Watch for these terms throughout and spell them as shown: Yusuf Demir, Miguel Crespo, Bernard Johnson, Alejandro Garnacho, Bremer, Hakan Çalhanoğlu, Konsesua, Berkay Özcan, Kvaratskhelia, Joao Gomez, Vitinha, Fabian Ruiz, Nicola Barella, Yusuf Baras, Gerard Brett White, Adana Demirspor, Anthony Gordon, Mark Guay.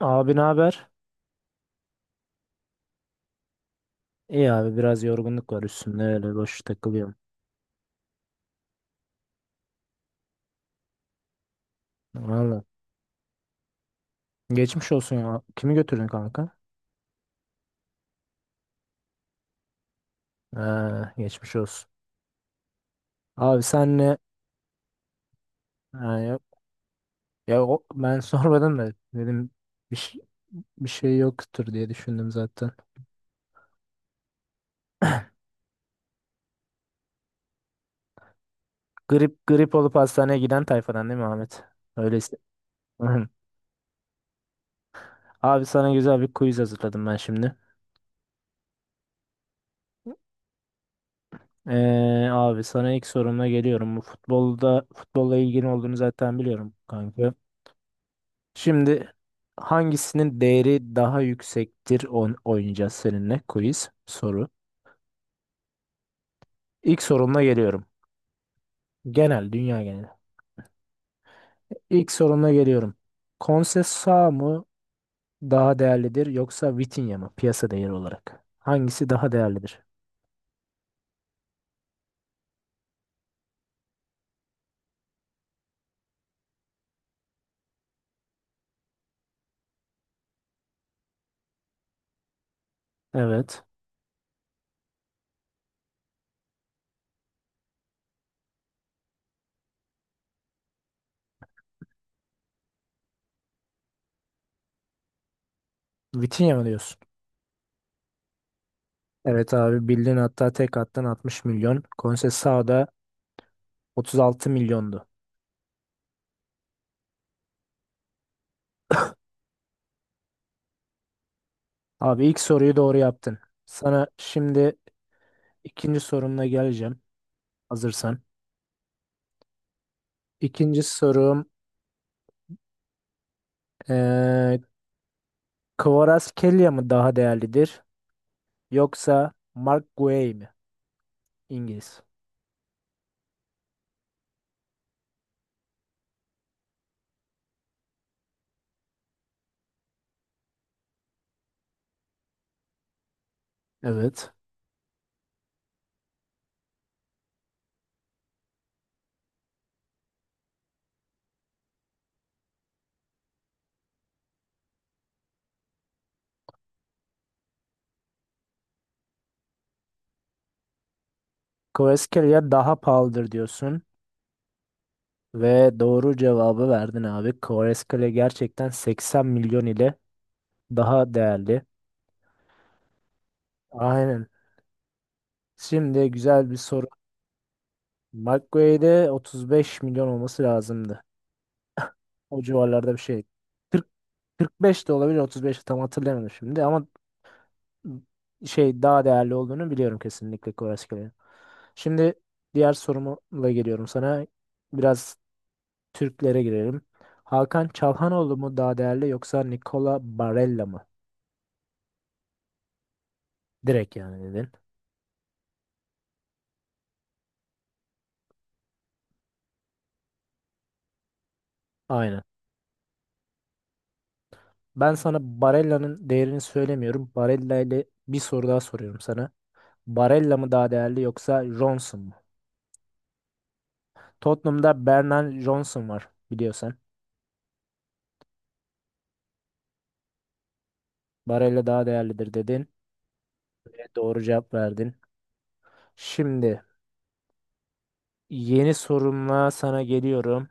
Abi ne haber? İyi abi biraz yorgunluk var üstümde öyle boş takılıyorum. Valla. Geçmiş olsun ya. Kimi götürdün kanka? Ee, Geçmiş olsun. Abi senle ha, ya, ya o, ben sormadım da dedim bir, şey- bir şey yoktur diye düşündüm zaten. Grip grip olup hastaneye giden tayfadan değil mi Ahmet? Öyleyse. Abi sana güzel bir quiz hazırladım ben şimdi. Abi sana ilk sorumla geliyorum. Bu futbolla ilgili olduğunu zaten biliyorum kanka. Şimdi hangisinin değeri daha yüksektir on oynayacağız seninle quiz soru. İlk sorumla geliyorum. Genel, dünya geneli. İlk sorumla geliyorum. Konsesua mı daha değerlidir yoksa Vitinha mı piyasa değeri olarak? Hangisi daha değerlidir? Evet. Vitinha mı diyorsun? Evet abi bildin, hatta tek attan 60 milyon. Konsesua da 36 milyondu. Abi ilk soruyu doğru yaptın. Sana şimdi ikinci sorumla geleceğim. Hazırsan. İkinci sorum. eee Kvaratskhelia mı daha değerlidir? Yoksa Mark Guay mi? İngiliz. Evet. Kvaratskhelia daha pahalıdır diyorsun. Ve doğru cevabı verdin abi. Kvaratskhelia gerçekten 80 milyon ile daha değerli. Aynen. Şimdi güzel bir soru. Mark Guay'de 35 milyon olması lazımdı. O civarlarda bir şey. 40, 45 de olabilir, 35 de tam hatırlayamadım şimdi ama şey daha değerli olduğunu biliyorum kesinlikle, Kvaratskhelia. Şimdi diğer sorumla geliyorum sana. Biraz Türklere girelim. Hakan Çalhanoğlu mu daha değerli yoksa Nicola Barella mı? Direkt yani dedin. Aynen. Ben sana Barella'nın değerini söylemiyorum. Barella ile bir soru daha soruyorum sana. Barella mı daha değerli yoksa Johnson mu? Tottenham'da Bernard Johnson var, biliyorsan. Barella daha değerlidir dedin. Ve doğru cevap verdin. Şimdi yeni sorumla sana geliyorum.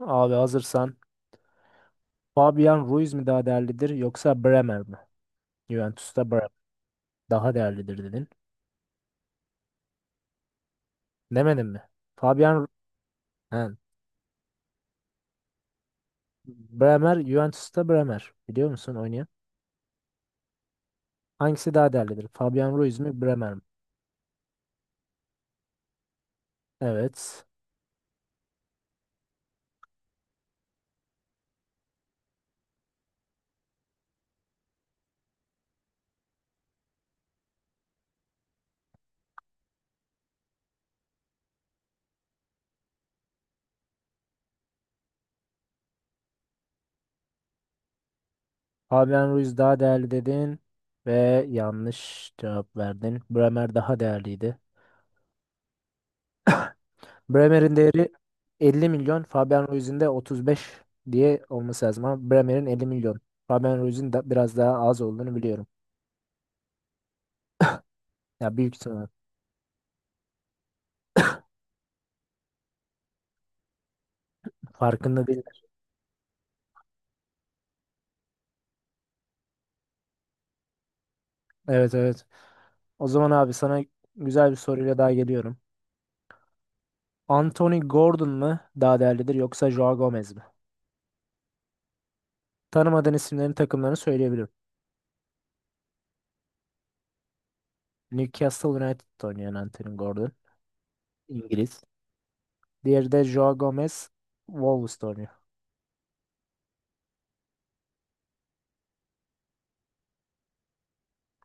Abi hazırsan. Fabian Ruiz mi daha değerlidir yoksa Bremer mi? Juventus'ta Bremer daha değerlidir dedin. Demedin mi? Fabian, he. Bremer, Juventus'ta Bremer. Biliyor musun oynayan? Hangisi daha değerlidir? Fabian Ruiz mi Bremer mi? Evet. Fabian Ruiz daha değerli dedin ve yanlış cevap verdin. Bremer daha değerliydi. Bremer'in değeri 50 milyon. Fabian Ruiz'in de 35 diye olması lazım ama Bremer'in 50 milyon. Fabian Ruiz'in de biraz daha az olduğunu biliyorum. Ya büyük ihtimal. Farkında değil. Evet evet. O zaman abi sana güzel bir soruyla daha geliyorum. Anthony Gordon mu daha değerlidir yoksa Joao Gomez mi? Tanımadığın isimlerin takımlarını söyleyebilirim. Newcastle United'da oynayan Anthony Gordon. İngiliz. Diğeri de Joao Gomez. Wolves'ta oynuyor.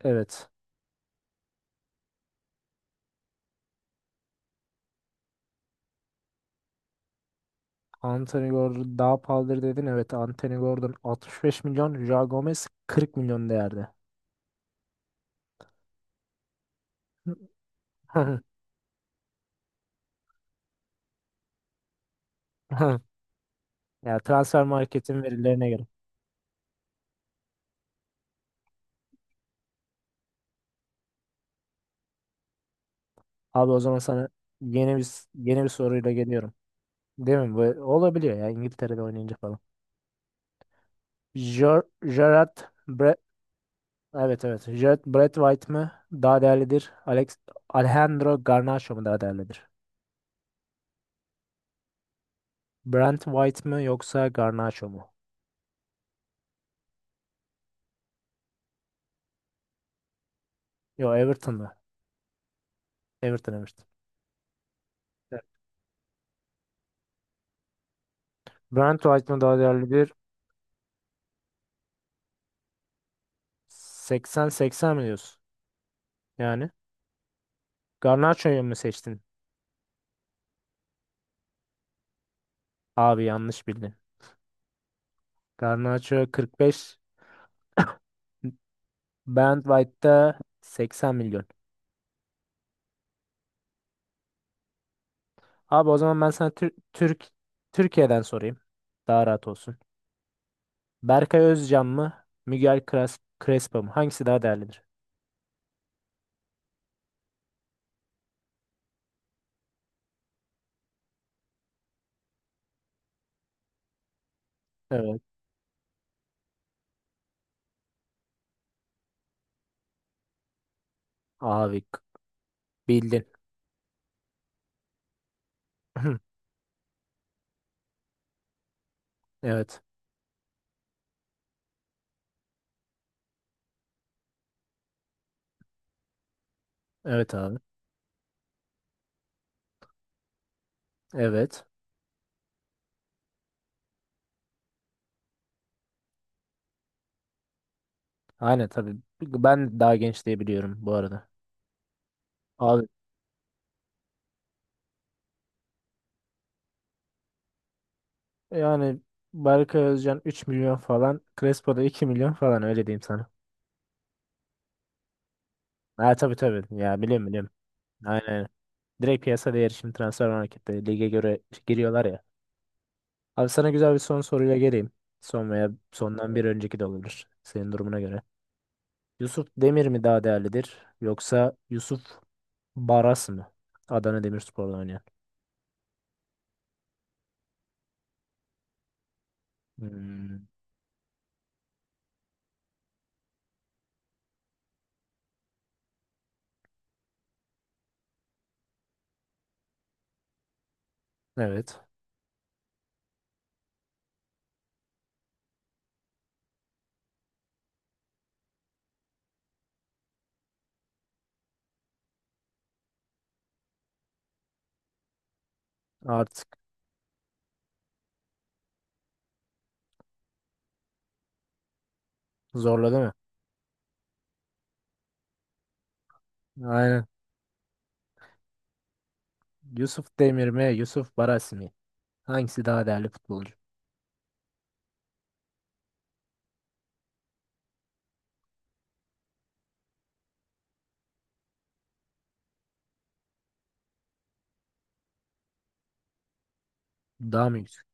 Evet. Anthony Gordon daha pahalıdır dedin. Evet, Anthony Gordon 65 milyon. Joao Gomez 40 milyon değerde. Ya transfer marketin verilerine göre. Abi o zaman sana yeni bir yeni bir soruyla geliyorum. Değil mi? Bu olabiliyor ya İngiltere'de oynayınca falan. Ger Gerard Bre Evet evet. Gerard Brett White mı daha değerlidir? Alejandro Garnacho mu daha değerlidir? Brent White mı yoksa Garnacho mu? Yo, Everton mu? Everton Everton. Evet. Brent White mı daha değerlidir? 80-80 mi diyorsun? Yani Garnaço'yu mu seçtin? Abi yanlış bildin. Garnaço 45, Brand White'da 80 milyon. Abi o zaman ben sana Türkiye'den sorayım. Daha rahat olsun. Berkay Özcan mı? Miguel Cres- Crespo mu? Hangisi daha değerlidir? Evet. Abi bildin. Evet. Evet abi. Evet. Aynen tabii. Ben daha genç diye biliyorum bu arada. Abi, yani Berkay Özcan 3 milyon falan. Crespo'da 2 milyon falan, öyle diyeyim sana. Ha tabii tabii. Ya biliyorum biliyorum. Aynen, aynen. Direkt piyasa değeri şimdi transfer markette lige göre giriyorlar ya. Abi sana güzel bir son soruyla geleyim. Son veya sondan bir önceki de olabilir. Senin durumuna göre. Yusuf Demir mi daha değerlidir? Yoksa Yusuf Baras mı? Adana Demirspor'da oynayan. Hmm, evet. Artık zorladı mı? Aynen. Yusuf Demir mi? Yusuf Baras mı? Hangisi daha değerli futbolcu? Daha mı yüksek?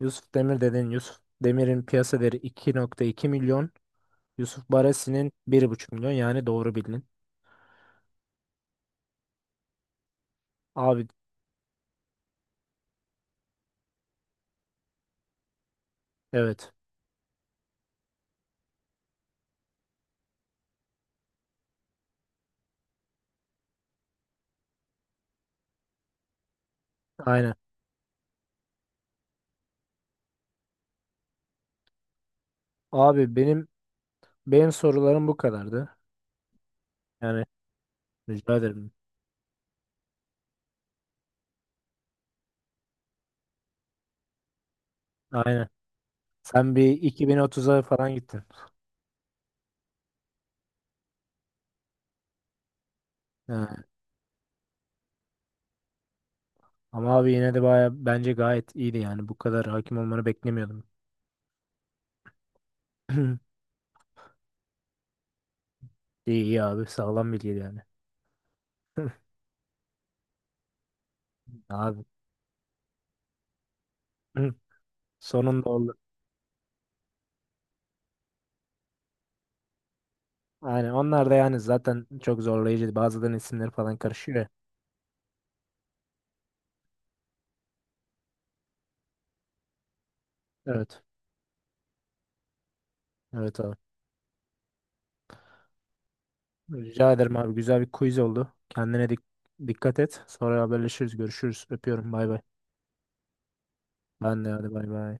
Yusuf Demir dedin. Yusuf Demir'in piyasa değeri 2,2 milyon. Yusuf Baresi'nin bir buçuk milyon. Yani doğru bildin. Abi evet. Aynen. Abi benim sorularım bu kadardı. Yani rica ederim. Aynen. Sen bir 2030'a falan gittin. Yani, ama abi yine de baya bence gayet iyiydi yani. Bu kadar hakim olmanı beklemiyordum. İyi iyi abi. Sağlam bilgiydi yani. Abi. Sonunda oldu. Aynen. Onlar da yani zaten çok zorlayıcıydı. Bazılarının isimleri falan karışıyor ya. Evet. Evet abi. Rica ederim abi. Güzel bir quiz oldu. Kendine dikkat et. Sonra haberleşiriz. Görüşürüz. Öpüyorum. Bay bay. Ben de hadi bay bay.